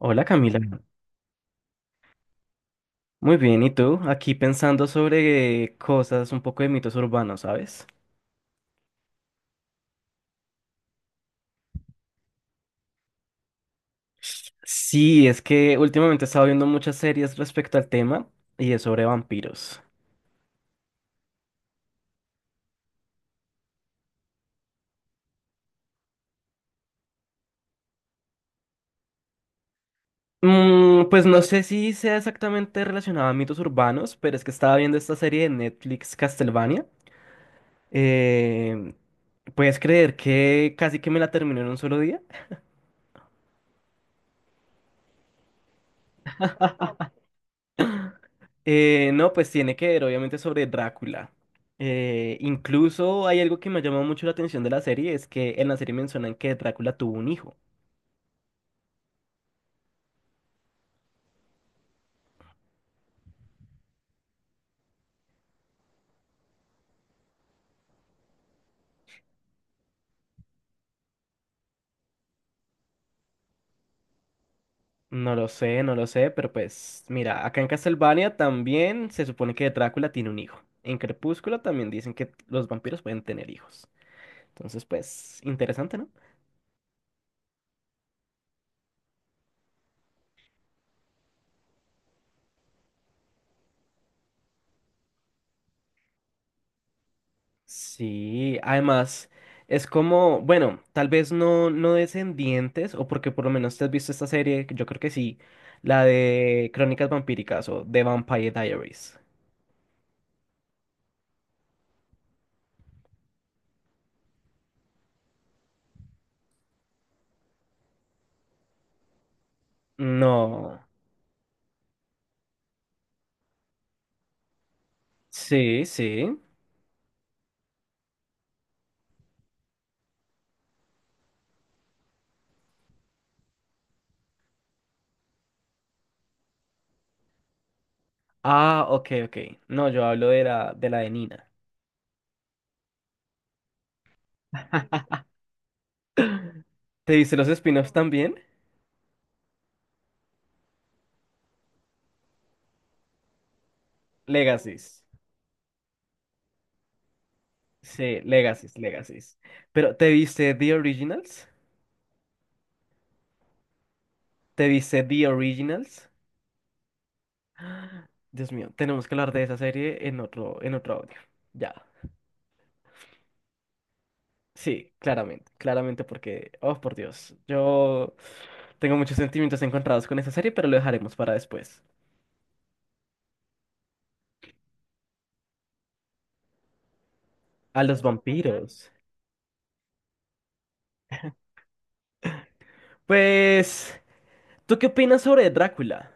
Hola Camila, muy bien, ¿y tú? Aquí pensando sobre cosas, un poco de mitos urbanos, ¿sabes? Sí, es que últimamente he estado viendo muchas series respecto al tema y es sobre vampiros. Mm, pues no sé si sea exactamente relacionado a mitos urbanos, pero es que estaba viendo esta serie de Netflix Castlevania. Eh, ¿Puedes creer que casi que me la terminé en un solo día? No, pues tiene que ver obviamente sobre Drácula. Incluso hay algo que me llamó mucho la atención de la serie, es que en la serie mencionan que Drácula tuvo un hijo. No lo sé, no lo sé, pero pues mira, acá en Castlevania también se supone que Drácula tiene un hijo. En Crepúsculo también dicen que los vampiros pueden tener hijos. Entonces, pues, interesante, ¿no? Sí, además es como, bueno, tal vez no, no descendientes, o porque por lo menos te has visto esta serie, que yo creo que sí, la de Crónicas Vampíricas o The Vampire Diaries. No, sí, sí. Ah, ok, ok. No, yo hablo de la de la de Nina. ¿Te viste los spin-offs también? Legacies. Sí, Legacies, Legacies. Pero ¿te viste The Originals? ¿Te viste The Originals? Dios mío, tenemos que hablar de esa serie en otro audio. Ya. Sí, claramente, claramente porque, oh por Dios, yo tengo muchos sentimientos encontrados con esa serie, pero lo dejaremos para después. A los vampiros. Pues, ¿tú qué opinas sobre Drácula?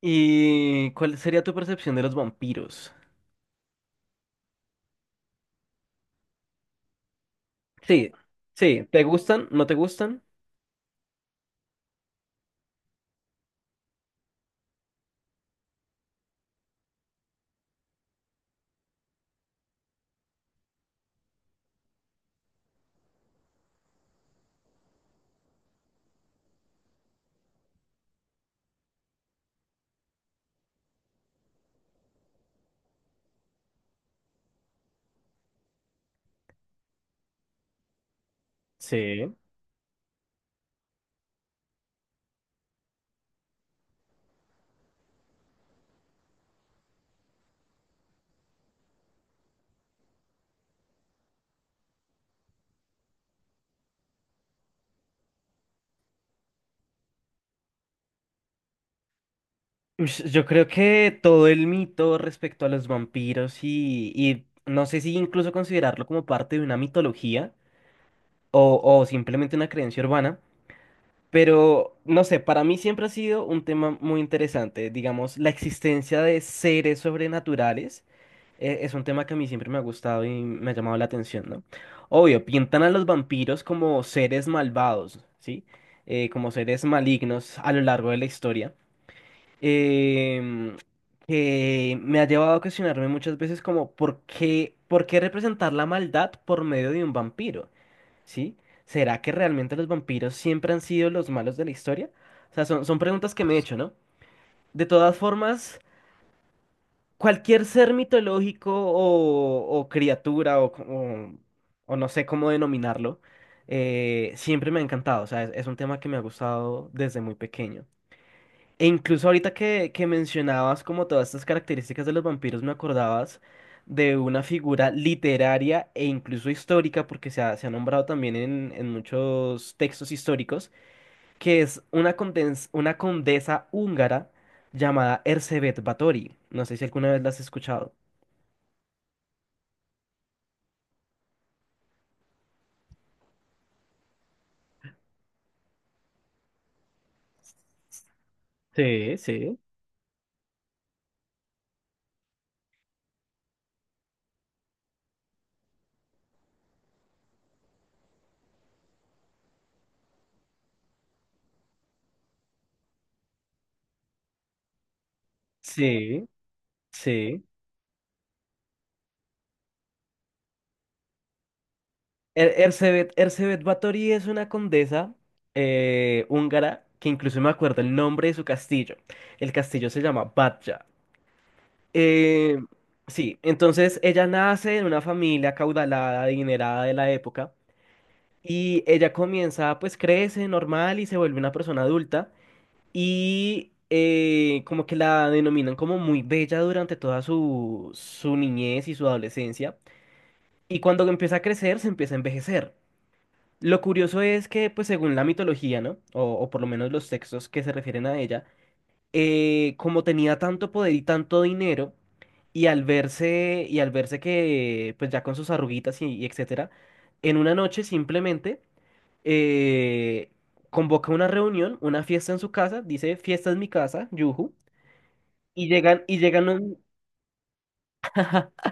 ¿Y cuál sería tu percepción de los vampiros? Sí, sí, ¿te gustan? ¿No te gustan? Sí. Ush, yo creo que todo el mito respecto a los vampiros y no sé si incluso considerarlo como parte de una mitología o simplemente una creencia urbana. Pero, no sé, para mí siempre ha sido un tema muy interesante. Digamos, la existencia de seres sobrenaturales es un tema que a mí siempre me ha gustado y me ha llamado la atención, ¿no? Obvio, pintan a los vampiros como seres malvados, ¿sí? Como seres malignos a lo largo de la historia. Em, que me ha llevado a cuestionarme muchas veces como, por qué representar la maldad por medio de un vampiro? ¿Sí? ¿Será que realmente los vampiros siempre han sido los malos de la historia? O sea, son preguntas que me he hecho, ¿no? De todas formas, cualquier ser mitológico o criatura o o no sé cómo denominarlo, siempre me ha encantado. O sea, es un tema que me ha gustado desde muy pequeño. E incluso ahorita que mencionabas como todas estas características de los vampiros, me acordabas de una figura literaria e incluso histórica, porque se ha nombrado también en muchos textos históricos, que es una una condesa húngara llamada Erzsébet Báthory. No sé si alguna vez la has escuchado. Sí, sí. Sí, sí. Erzsébet, Erzsébet Báthory es una condesa húngara que incluso me acuerdo el nombre de su castillo. El castillo se llama Batya. Eh, sí, entonces ella nace en una familia acaudalada, adinerada de la época y ella comienza, pues crece normal y se vuelve una persona adulta y como que la denominan como muy bella durante toda su, su niñez y su adolescencia y cuando empieza a crecer se empieza a envejecer. Lo curioso es que, pues según la mitología, ¿no? O por lo menos los textos que se refieren a ella, como tenía tanto poder y tanto dinero, y al verse que, pues ya con sus arruguitas y etcétera, en una noche simplemente eh, convoca una reunión, una fiesta en su casa, dice, fiesta en mi casa, yujú, y llegan, y llegan un-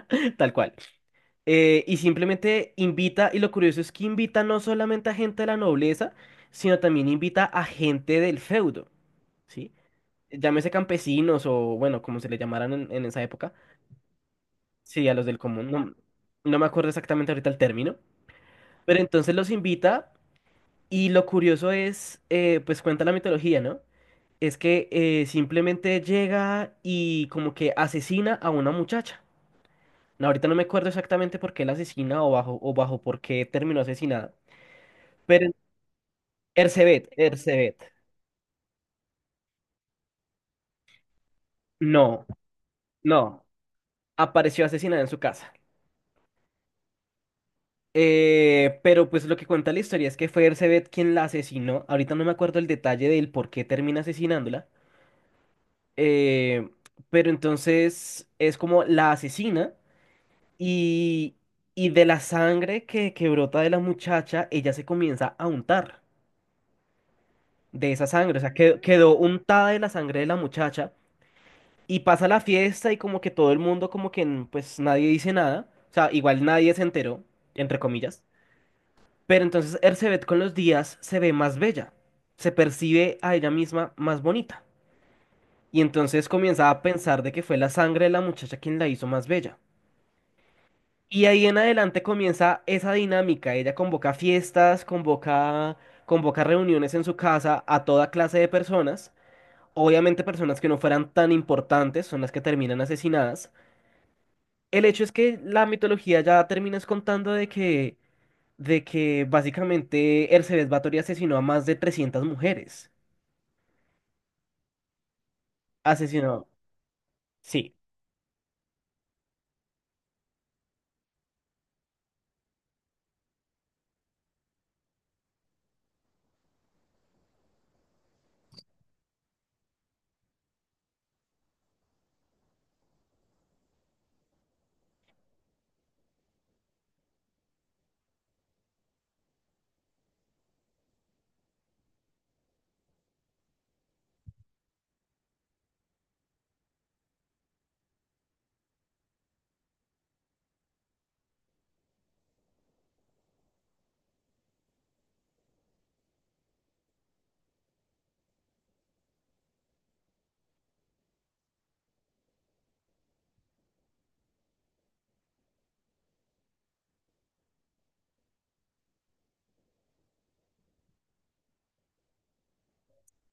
tal cual. Y simplemente invita, y lo curioso es que invita no solamente a gente de la nobleza, sino también invita a gente del feudo, ¿sí? Llámese campesinos o, bueno, como se le llamaran en esa época, sí, a los del común, no, no me acuerdo exactamente ahorita el término, pero entonces los invita y lo curioso es, pues cuenta la mitología, ¿no? Es que simplemente llega y como que asesina a una muchacha. No, ahorita no me acuerdo exactamente por qué la asesina o bajo por qué terminó asesinada. Pero Ercebet. No, no, apareció asesinada en su casa. Pero pues lo que cuenta la historia es que fue Ercebet quien la asesinó. Ahorita no me acuerdo el detalle del por qué termina asesinándola. Eh, pero entonces es como la asesina y, y de la sangre que brota de la muchacha, ella se comienza a untar de esa sangre. O sea, quedó untada de la sangre de la muchacha. Y pasa la fiesta y como que todo el mundo, pues nadie dice nada. O sea, igual nadie se enteró, entre comillas. Pero entonces Ercebet con los días se ve más bella. Se percibe a ella misma más bonita. Y entonces comienza a pensar de que fue la sangre de la muchacha quien la hizo más bella. Y ahí en adelante comienza esa dinámica. Ella convoca fiestas, convoca reuniones en su casa a toda clase de personas. Obviamente personas que no fueran tan importantes son las que terminan asesinadas. El hecho es que la mitología ya terminas contando de que básicamente Ercebet Báthory asesinó a más de 300 mujeres. Asesinó. Sí,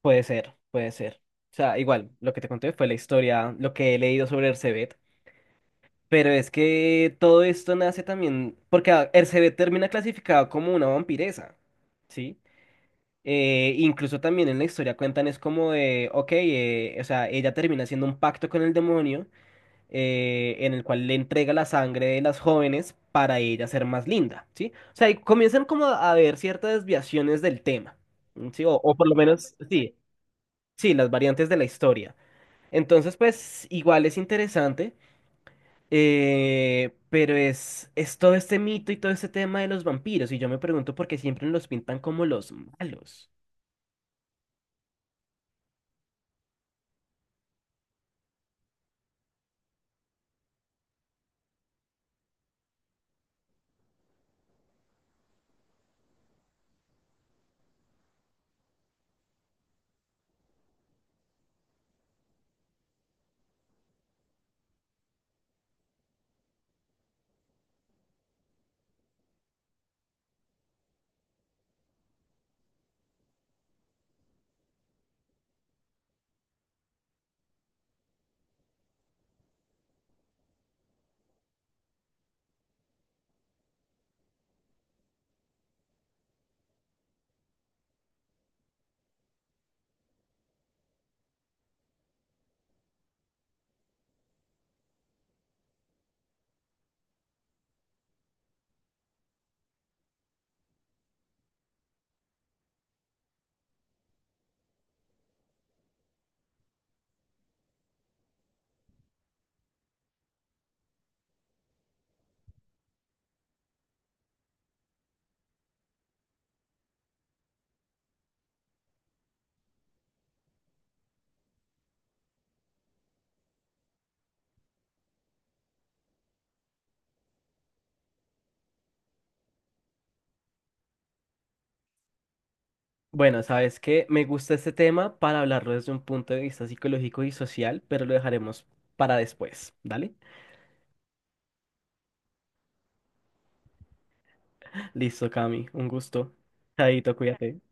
puede ser, puede ser. O sea, igual, lo que te conté fue la historia, lo que he leído sobre Ercebet. Pero es que todo esto nace también, porque Ercebet termina clasificado como una vampiresa, ¿sí? Incluso también en la historia cuentan es como de, ok, o sea, ella termina haciendo un pacto con el demonio en el cual le entrega la sangre de las jóvenes para ella ser más linda, ¿sí? O sea, y comienzan como a haber ciertas desviaciones del tema, ¿sí? O por lo menos, sí, sí, las variantes de la historia. Entonces, pues, igual es interesante, pero es todo este mito y todo este tema de los vampiros, y yo me pregunto por qué siempre los pintan como los malos. Bueno, sabes que me gusta este tema para hablarlo desde un punto de vista psicológico y social, pero lo dejaremos para después, ¿dale? Listo, Cami, un gusto. Chaito, cuídate.